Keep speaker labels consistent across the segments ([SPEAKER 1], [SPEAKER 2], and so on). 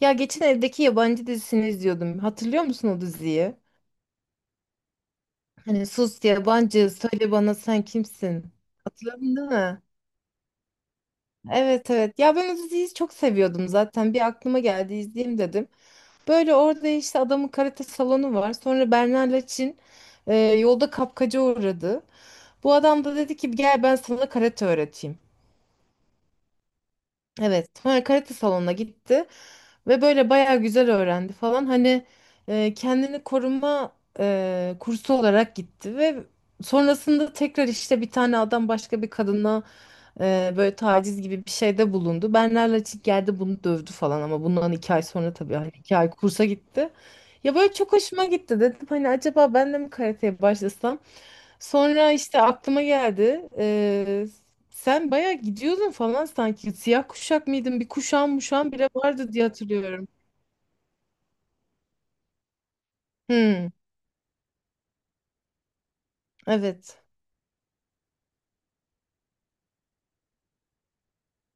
[SPEAKER 1] Ya geçen evdeki yabancı dizisini izliyordum. Hatırlıyor musun o diziyi? Hani sus yabancı söyle bana sen kimsin? Hatırladın değil mi? Evet evet. Ya ben o diziyi çok seviyordum zaten. Bir aklıma geldi izleyeyim dedim. Böyle orada işte adamın karate salonu var. Sonra Bernar'la Çin yolda kapkaca uğradı. Bu adam da dedi ki gel ben sana karate öğreteyim. Evet, sonra karate salonuna gitti ve böyle bayağı güzel öğrendi falan. Hani kendini koruma kursu olarak gitti ve sonrasında tekrar işte bir tane adam başka bir kadına böyle taciz gibi bir şeyde bulundu. Bernard Laçık geldi bunu dövdü falan ama bundan 2 ay sonra tabii hani 2 ay kursa gitti. Ya böyle çok hoşuma gitti dedim hani acaba ben de mi karateye başlasam? Sonra işte aklıma geldi. Sen bayağı gidiyordun falan sanki. Siyah kuşak mıydın? Bir kuşağın muşağın bile vardı diye hatırlıyorum. Hmm, evet.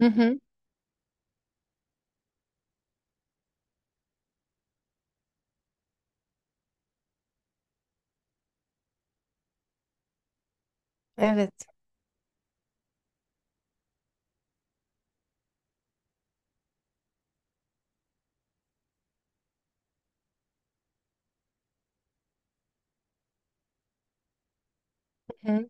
[SPEAKER 1] Hı hı, evet. Hı hı,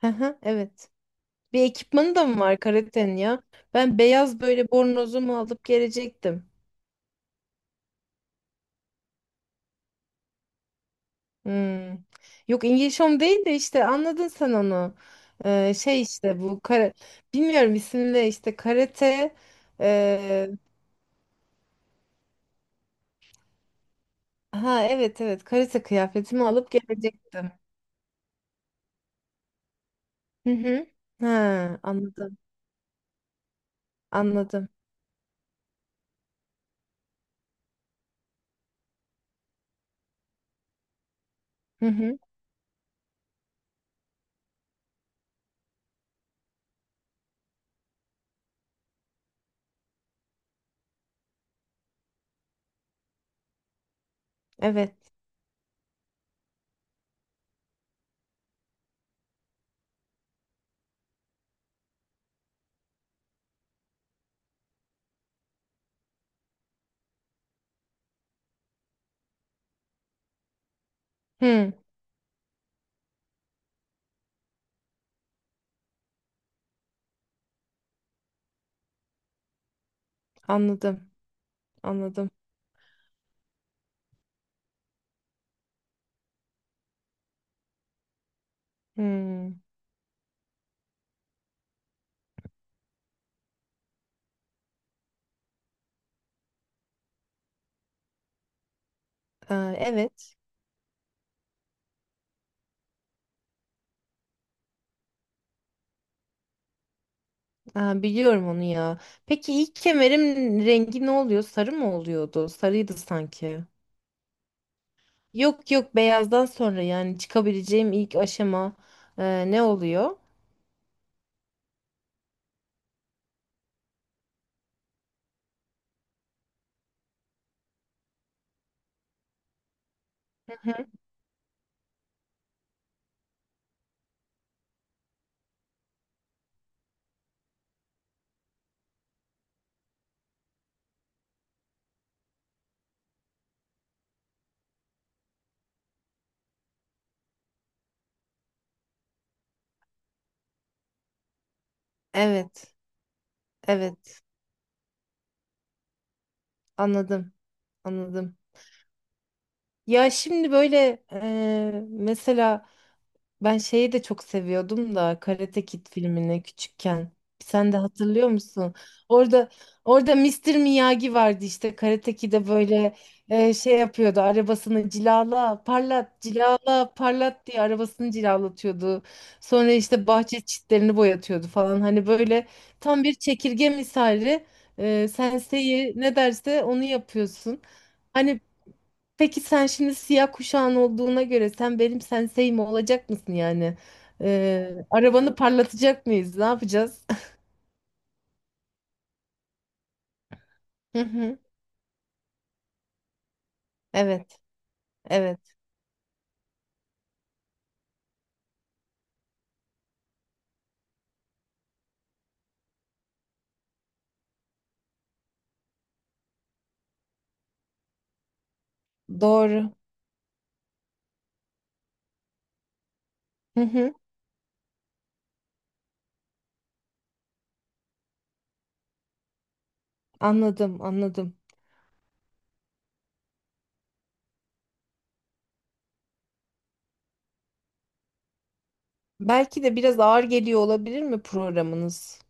[SPEAKER 1] hı hı, evet. Bir ekipmanı da mı var karatenin ya? Ben beyaz böyle bornozumu alıp gelecektim. Hmm. Yok İngiliz Home değil de işte anladın sen onu. Şey işte bu kara... Bilmiyorum isimle işte karate... Ha evet evet karate kıyafetimi alıp gelecektim. Hı hı. Ha anladım. Anladım. Hı hı. Evet. Hı anladım. Anladım. Hı. Aa, evet. Aa, biliyorum onu ya. Peki ilk kemerim rengi ne oluyor? Sarı mı oluyordu? Sarıydı sanki. Yok yok beyazdan sonra yani çıkabileceğim ilk aşama ne oluyor? Hı. Evet. Evet. Anladım. Anladım. Ya şimdi böyle mesela. Ben şeyi de çok seviyordum da Karate Kid filmini küçükken. Sen de hatırlıyor musun? Orada orada Mister Miyagi vardı işte Karate Kid'e böyle şey yapıyordu. Arabasını cilala, parlat, cilala, parlat diye arabasını cilalatıyordu. Sonra işte bahçe çitlerini boyatıyordu falan. Hani böyle tam bir çekirge misali. Sensei ne derse onu yapıyorsun. Hani peki sen şimdi siyah kuşağın olduğuna göre sen benim sensei mi olacak mısın yani? Arabanı parlatacak mıyız? Ne yapacağız? Hı hı. Evet, evet. Doğru. Hı hı. Anladım, anladım. Belki de biraz ağır geliyor olabilir mi programınız?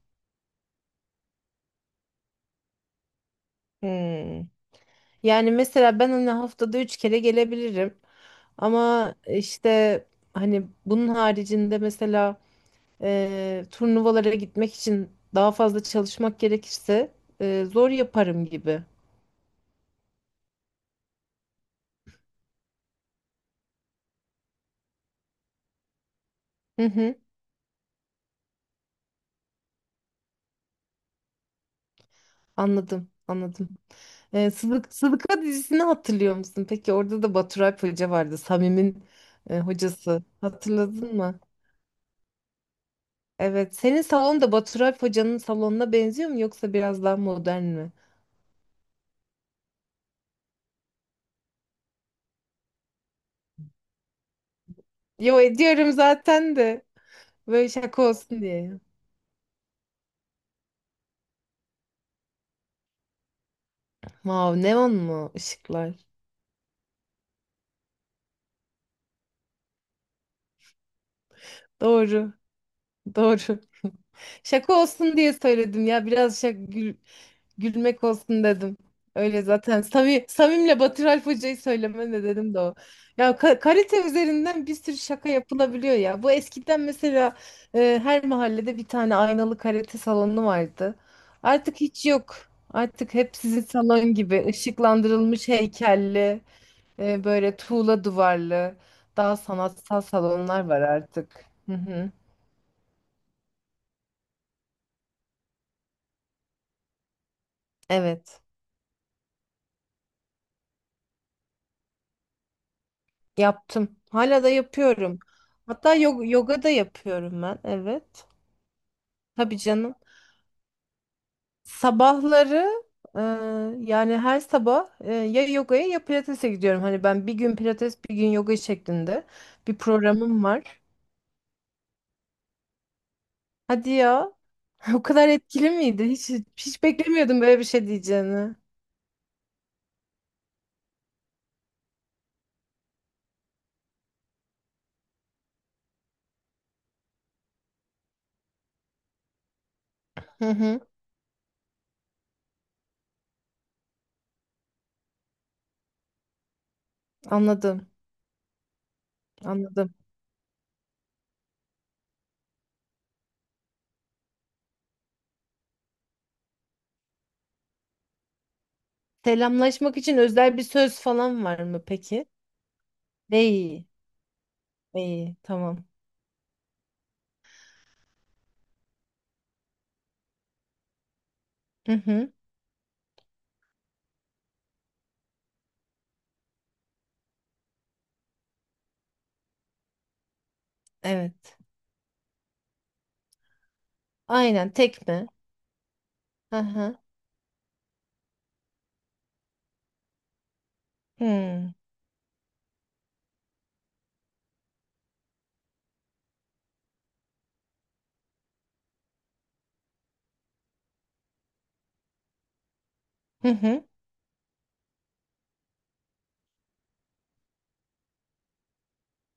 [SPEAKER 1] Hmm. Yani mesela ben hani haftada üç kere gelebilirim. Ama işte hani bunun haricinde mesela turnuvalara gitmek için daha fazla çalışmak gerekirse zor yaparım gibi. Hı hı, anladım, anladım. Sıdıka dizisini hatırlıyor musun? Peki orada da Baturay Hoca vardı, Samim'in hocası. Hatırladın mı? Evet, senin salon da Baturay Hoca'nın salonuna benziyor mu yoksa biraz daha modern mi? Yo ediyorum zaten de böyle şaka olsun diye. Vav neon mu ışıklar? Doğru, doğru. Şaka olsun diye söyledim ya. Biraz gülmek olsun dedim. Öyle zaten. Samim'le Batır Alp Hoca'yı söyleme de dedim de o. Ya karate üzerinden bir sürü şaka yapılabiliyor ya. Bu eskiden mesela her mahallede bir tane aynalı karate salonu vardı. Artık hiç yok. Artık hep sizin salon gibi ışıklandırılmış heykelli, böyle tuğla duvarlı, daha sanatsal salonlar var artık. Hı hı. Evet. Yaptım. Hala da yapıyorum. Hatta yoga da yapıyorum ben. Evet. Tabii canım. Sabahları e, yani her sabah ya yogaya ya pilatese gidiyorum. Hani ben bir gün pilates bir gün yoga şeklinde bir programım var. Hadi ya. O kadar etkili miydi? Hiç beklemiyordum böyle bir şey diyeceğini. Hı hı. Anladım. Anladım. Selamlaşmak için özel bir söz falan var mı peki? Değil. İyi. Tamam. Hı hı. Evet. Aynen tek mi? Hı hı. Hmm. Hı hı.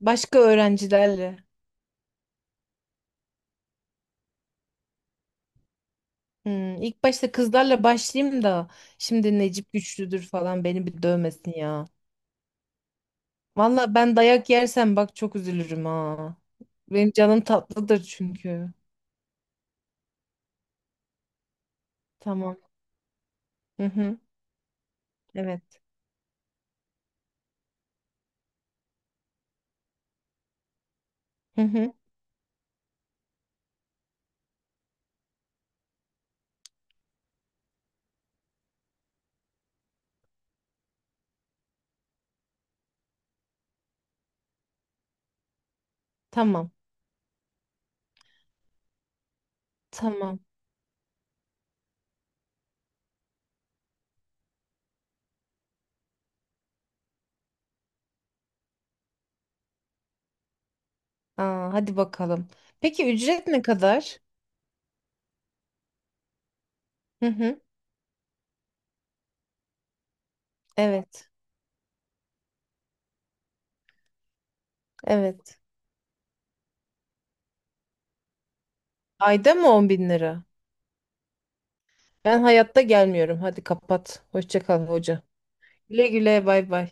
[SPEAKER 1] Başka öğrencilerle. Hmm. İlk başta kızlarla başlayayım da şimdi Necip güçlüdür falan beni bir dövmesin ya. Valla ben dayak yersem bak çok üzülürüm ha. Benim canım tatlıdır çünkü. Tamam. Hı hı. Evet. Hı hı. Tamam. Tamam. Aa, hadi bakalım. Peki ücret ne kadar? Hı hı. Evet. Evet. Ayda mı 10.000 lira? Ben hayatta gelmiyorum. Hadi kapat. Hoşça kal hoca. Güle güle bay bay.